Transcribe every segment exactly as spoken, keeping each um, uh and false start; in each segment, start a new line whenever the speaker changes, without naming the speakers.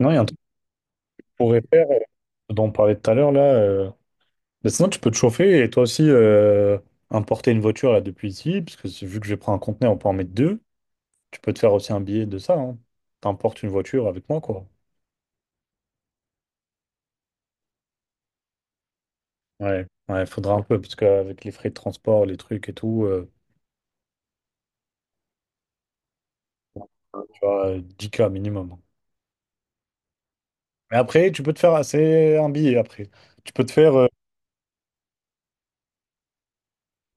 Non, il y a un truc qu'on pourrait faire dont on parlait tout à l'heure là. euh, bah, sinon, tu peux te chauffer et toi aussi euh, importer une voiture là depuis ici, parce que c'est- vu que je vais prendre un conteneur, on peut en mettre deux. Tu peux te faire aussi un billet de ça. Hein. T'importes une voiture avec moi, quoi. Ouais, ouais, faudra un peu, parce qu'avec les frais de transport, les trucs et tout, euh, tu vois, euh, dix k minimum. Mais après, tu peux te faire assez un billet après. Tu peux te faire, euh,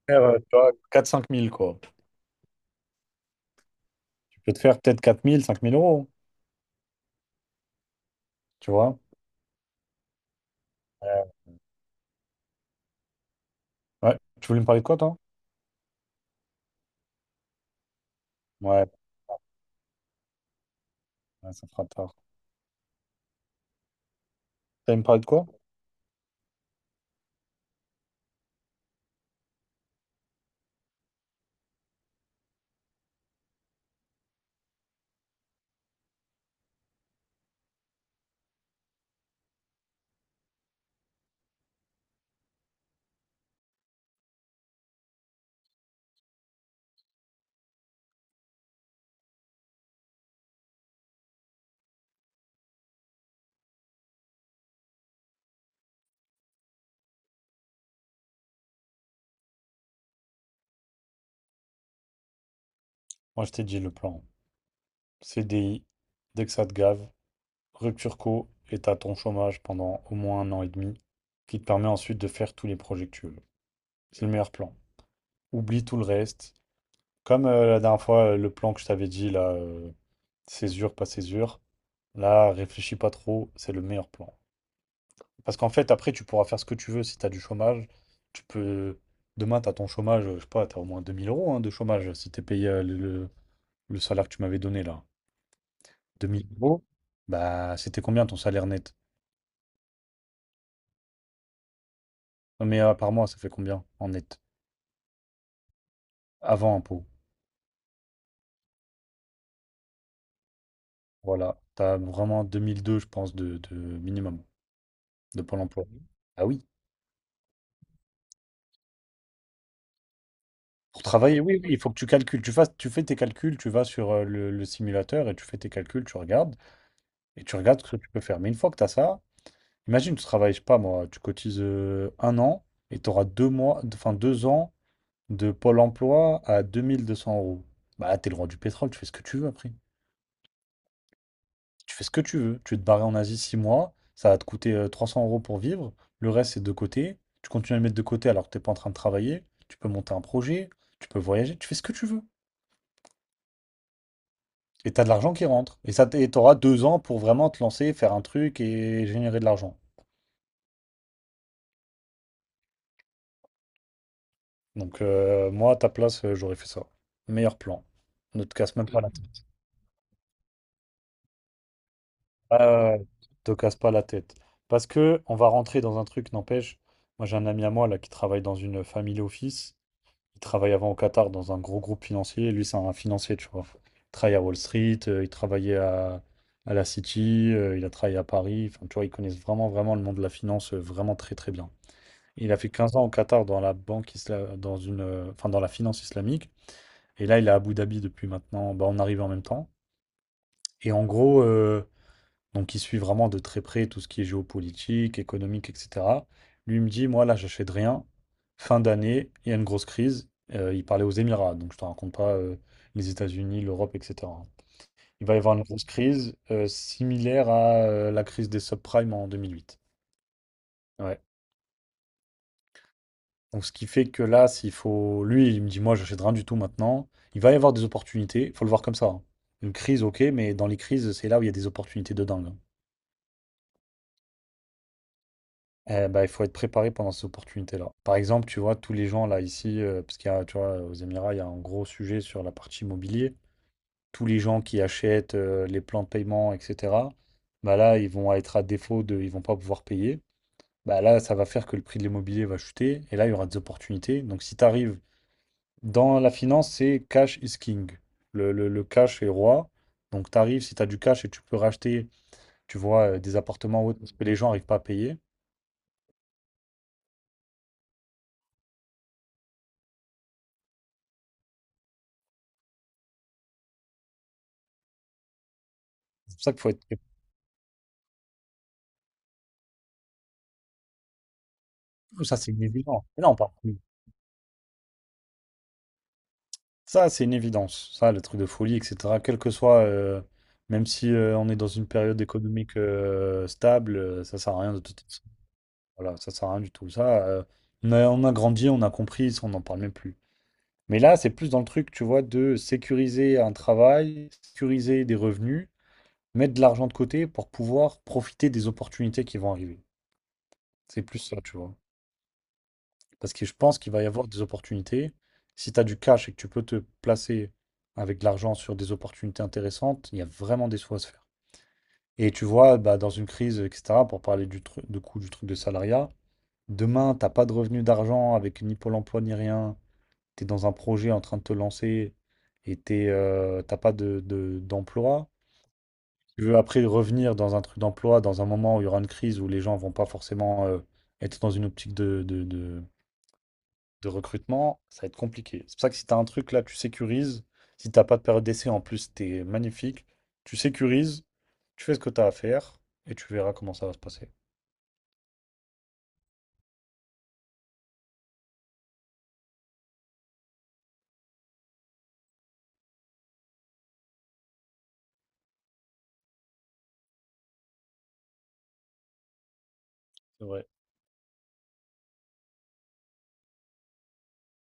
faire, euh, tu vois, quatre cinq mille quoi. Tu peux te faire peut-être quatre mille cinq mille euros, tu vois. Euh, ouais, tu voulais me parler de quoi, toi? Ouais, ouais, ça fera tard. T'allais me parler de quoi? Moi, je t'ai dit le plan. C D I, dès que ça te gave, rupture co et t'as ton chômage pendant au moins un an et demi, qui te permet ensuite de faire tous les projets que tu veux. C'est le meilleur plan. Oublie tout le reste. Comme euh, la dernière fois, euh, le plan que je t'avais dit, là, euh, césure, pas césure, là, réfléchis pas trop, c'est le meilleur plan. Parce qu'en fait, après, tu pourras faire ce que tu veux si t'as du chômage. Tu peux. Demain, t'as ton chômage, euh, je sais pas, t'as au moins deux mille euros hein, de chômage si t'es payé euh, le, le le salaire que tu m'avais donné là. deux mille euros, bah, c'était combien ton salaire net? Non, Mais euh, par mois, ça fait combien en net? Avant impôt. Voilà. T'as vraiment deux mille deux, je pense, de, de minimum de Pôle emploi. Mhm. Ah oui. Pour travailler, oui, oui, il faut que tu calcules. Tu fasses, tu fais tes calculs, tu vas sur euh, le, le simulateur et tu fais tes calculs, tu regardes et tu regardes ce que tu peux faire. Mais une fois que tu as ça, imagine, tu travailles, je sais pas moi, tu cotises euh, un an et tu auras deux mois, enfin deux ans de Pôle emploi à deux mille deux cents euros. Bah, là, t'es le roi du pétrole, tu fais ce que tu veux après. Tu fais ce que tu veux. Tu veux te barrer en Asie six mois, ça va te coûter euh, trois cents euros pour vivre. Le reste, c'est de côté. Tu continues à le mettre de côté alors que t'es pas en train de travailler. Tu peux monter un projet, tu peux voyager, tu fais ce que tu veux. Et t'as de l'argent qui rentre. Et ça, t- et t'auras deux ans pour vraiment te lancer, faire un truc et générer de l'argent. Donc, euh, moi, à ta place, euh, j'aurais fait ça. Meilleur plan. Ne te casse même pas la tête. Ah, te casse pas la tête. Parce que on va rentrer dans un truc, n'empêche. Moi, j'ai un ami à moi là qui travaille dans une family office. Il travaillait avant au Qatar dans un gros groupe financier. et Lui, c'est un financier, tu vois. Il travaille à Wall Street, euh, il travaillait à, à la City, euh, il a travaillé à Paris. Enfin, tu vois, ils connaissent vraiment, vraiment le monde de la finance, euh, vraiment très, très bien. Il a fait quinze ans au Qatar dans la banque isla- dans une, euh, enfin, dans la finance islamique. Et là, il est à Abu Dhabi depuis maintenant. Bah, on arrive en même temps. Et en gros, euh, donc il suit vraiment de très près tout ce qui est géopolitique, économique, et cetera. Lui il me dit, moi là, j'achète rien. Fin d'année, il y a une grosse crise. Euh, il parlait aux Émirats, donc je te raconte pas euh, les États-Unis, l'Europe, et cetera. Il va y avoir une grosse crise euh, similaire à euh, la crise des subprimes en deux mille huit. Ouais. Donc ce qui fait que là, s'il faut, lui, il me dit, moi, j'achète rien du tout maintenant. Il va y avoir des opportunités. Il faut le voir comme ça, hein. Une crise, ok, mais dans les crises, c'est là où il y a des opportunités de dingue, hein. Eh ben, il faut être préparé pendant ces opportunités-là. Par exemple, tu vois, tous les gens là ici, euh, parce qu'il y a, tu vois, aux Émirats, il y a un gros sujet sur la partie immobilier. Tous les gens qui achètent euh, les plans de paiement, et cetera, bah là, ils vont être à défaut de, ils vont pas pouvoir payer. Bah là, ça va faire que le prix de l'immobilier va chuter et là, il y aura des opportunités. Donc, si tu arrives dans la finance, c'est cash is king. Le, le- le cash est roi. Donc, tu arrives, si tu as du cash et tu peux racheter tu vois, heu, des appartements hauts autres que les gens arrivent pas à payer. C'est pour ça qu'il faut être très prudent. Ça c'est une évidence. Mais non, pas contre ça c'est une évidence. Ça, le truc de folie et cetera, quel que soit, heu, même si, heu, on est dans une période économique, heu, stable, heu, ça sert à rien de tout façon. Voilà, ça sert à rien du tout. Ça, heu, on a on a grandi, on a compris, ça on n'en parle même plus. Mais là, c'est plus dans le truc, tu vois, de sécuriser un travail, sécuriser des revenus. Mettre de l'argent de côté pour pouvoir profiter des opportunités qui vont arriver. C'est plus ça, tu vois. Parce que je pense qu'il va y avoir des opportunités. Si tu as du cash et que tu peux te placer avec de l'argent sur des opportunités intéressantes, il y a vraiment des sous à se faire. Et tu vois, bah, dans une crise, et cetera, pour parler du truc, de coût du truc de salariat, demain, t'as pas de revenu d'argent avec ni Pôle emploi ni rien. Tu es dans un projet en train de te lancer et t'es, euh, t'as pas de, de- d'emploi. Tu veux après revenir dans un truc d'emploi, dans un moment où il y aura une crise où les gens vont pas forcément euh, être dans une optique de, de, de- de recrutement, ça va être compliqué. C'est pour ça que si tu as un truc là, tu sécurises. Si t'as pas de période d'essai en plus, t'es magnifique. Tu sécurises, tu fais ce que tu as à faire et tu verras comment ça va se passer. C'est vrai,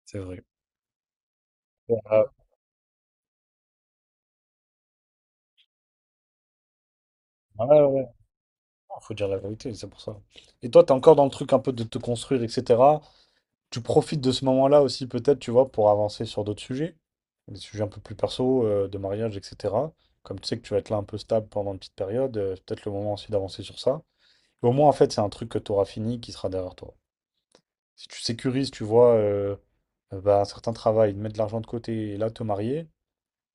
c'est vrai. Ouais, ouais, ouais. Ouais. Non, faut dire la vérité, c'est pour ça. Et toi, t'es encore dans le truc un peu de te construire, et cetera. Tu profites de ce moment-là aussi, peut-être, tu vois, pour avancer sur d'autres sujets, des sujets un peu plus perso, euh, de mariage, et cetera. Comme tu sais que tu vas être là un peu stable pendant une petite période, euh, c'est peut-être le moment aussi d'avancer sur ça. Et au moins, en fait, c'est un truc que tu auras fini qui sera derrière toi. Si tu sécurises, tu vois, euh, euh, bah, un certain travail, de mettre de l'argent de côté et là te marier,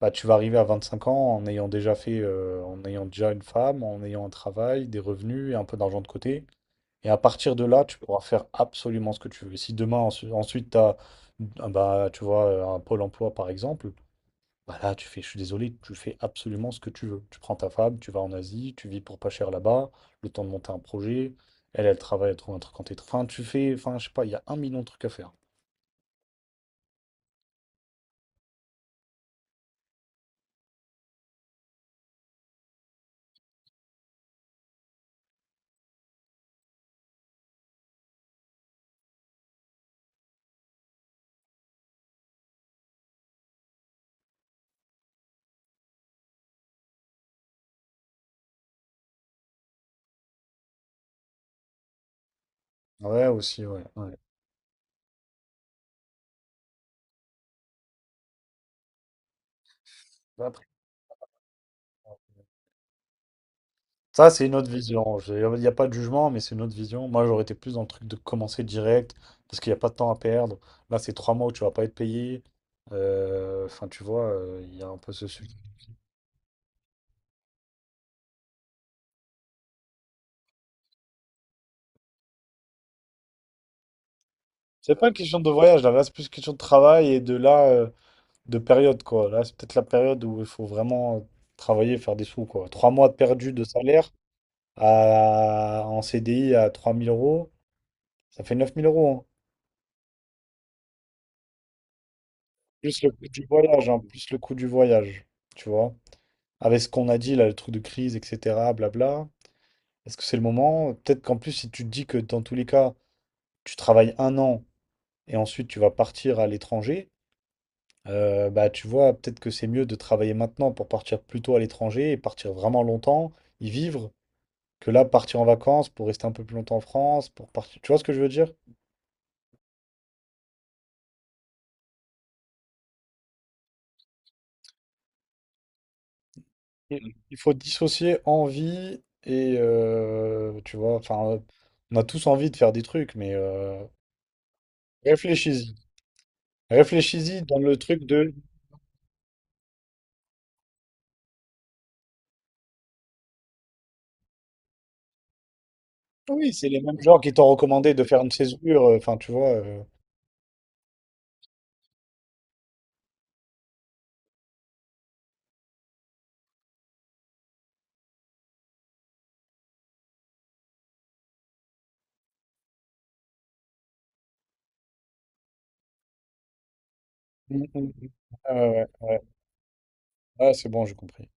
bah, tu vas arriver à vingt-cinq ans en ayant déjà fait, euh, en ayant déjà une femme, en ayant un travail, des revenus et un peu d'argent de côté. Et à partir de là, tu pourras faire absolument ce que tu veux. Si demain, ensu- ensuite, tu as, bah, tu vois, euh, un pôle emploi, par exemple, bah là, tu fais, je suis désolé, tu fais absolument ce que tu veux. Tu prends ta femme, tu vas en Asie, tu vis pour pas cher là-bas, le temps de monter un projet. Elle, elle travaille, elle trouve un truc en télétravail. Enfin, tu fais, enfin, je sais pas, il y a un million de trucs à faire. Ouais, aussi, ouais. Ouais. Après, Ça, c'est une autre vision. J'ai- Il n'y a pas de jugement, mais c'est une autre vision. Moi, j'aurais été plus dans le truc de commencer direct, parce qu'il n'y a pas de temps à perdre. Là, c'est trois mois où tu vas pas être payé. Euh, Enfin, tu vois, euh, il y a un peu ce sujet. C'est pas une question de voyage, là, Là, c'est plus une question de travail et de là, euh, de période, quoi. Là, c'est peut-être la période où il faut vraiment euh, travailler, faire des sous, quoi. Trois mois de perdu de salaire à- en C D I à trois mille euros, ça fait neuf mille euros, hein. Plus le coût du voyage, hein, plus le coût du voyage, tu vois. Avec ce qu'on a dit là, le truc de crise, et cetera, blabla, est-ce que c'est le moment? Peut-être qu'en plus, si tu te dis que dans tous les cas, tu travailles un an et ensuite tu vas partir à l'étranger, euh, bah tu vois, peut-être que c'est mieux de travailler maintenant pour partir plus tôt à l'étranger et partir vraiment longtemps, y vivre, que là, partir en vacances pour rester un peu plus longtemps en France, pour partir. Tu vois ce que je veux dire? Mm. Il faut dissocier envie et euh, tu vois, enfin, on a tous envie de faire des trucs, mais euh, réfléchis-y. Réfléchis-y dans le truc de Oui, c'est les mêmes gens qui t'ont recommandé de faire une césure, euh, enfin, tu vois. euh. Mm, mm, mm. Ah ouais, ouais. Ouais. Ah, c'est bon, j'ai compris.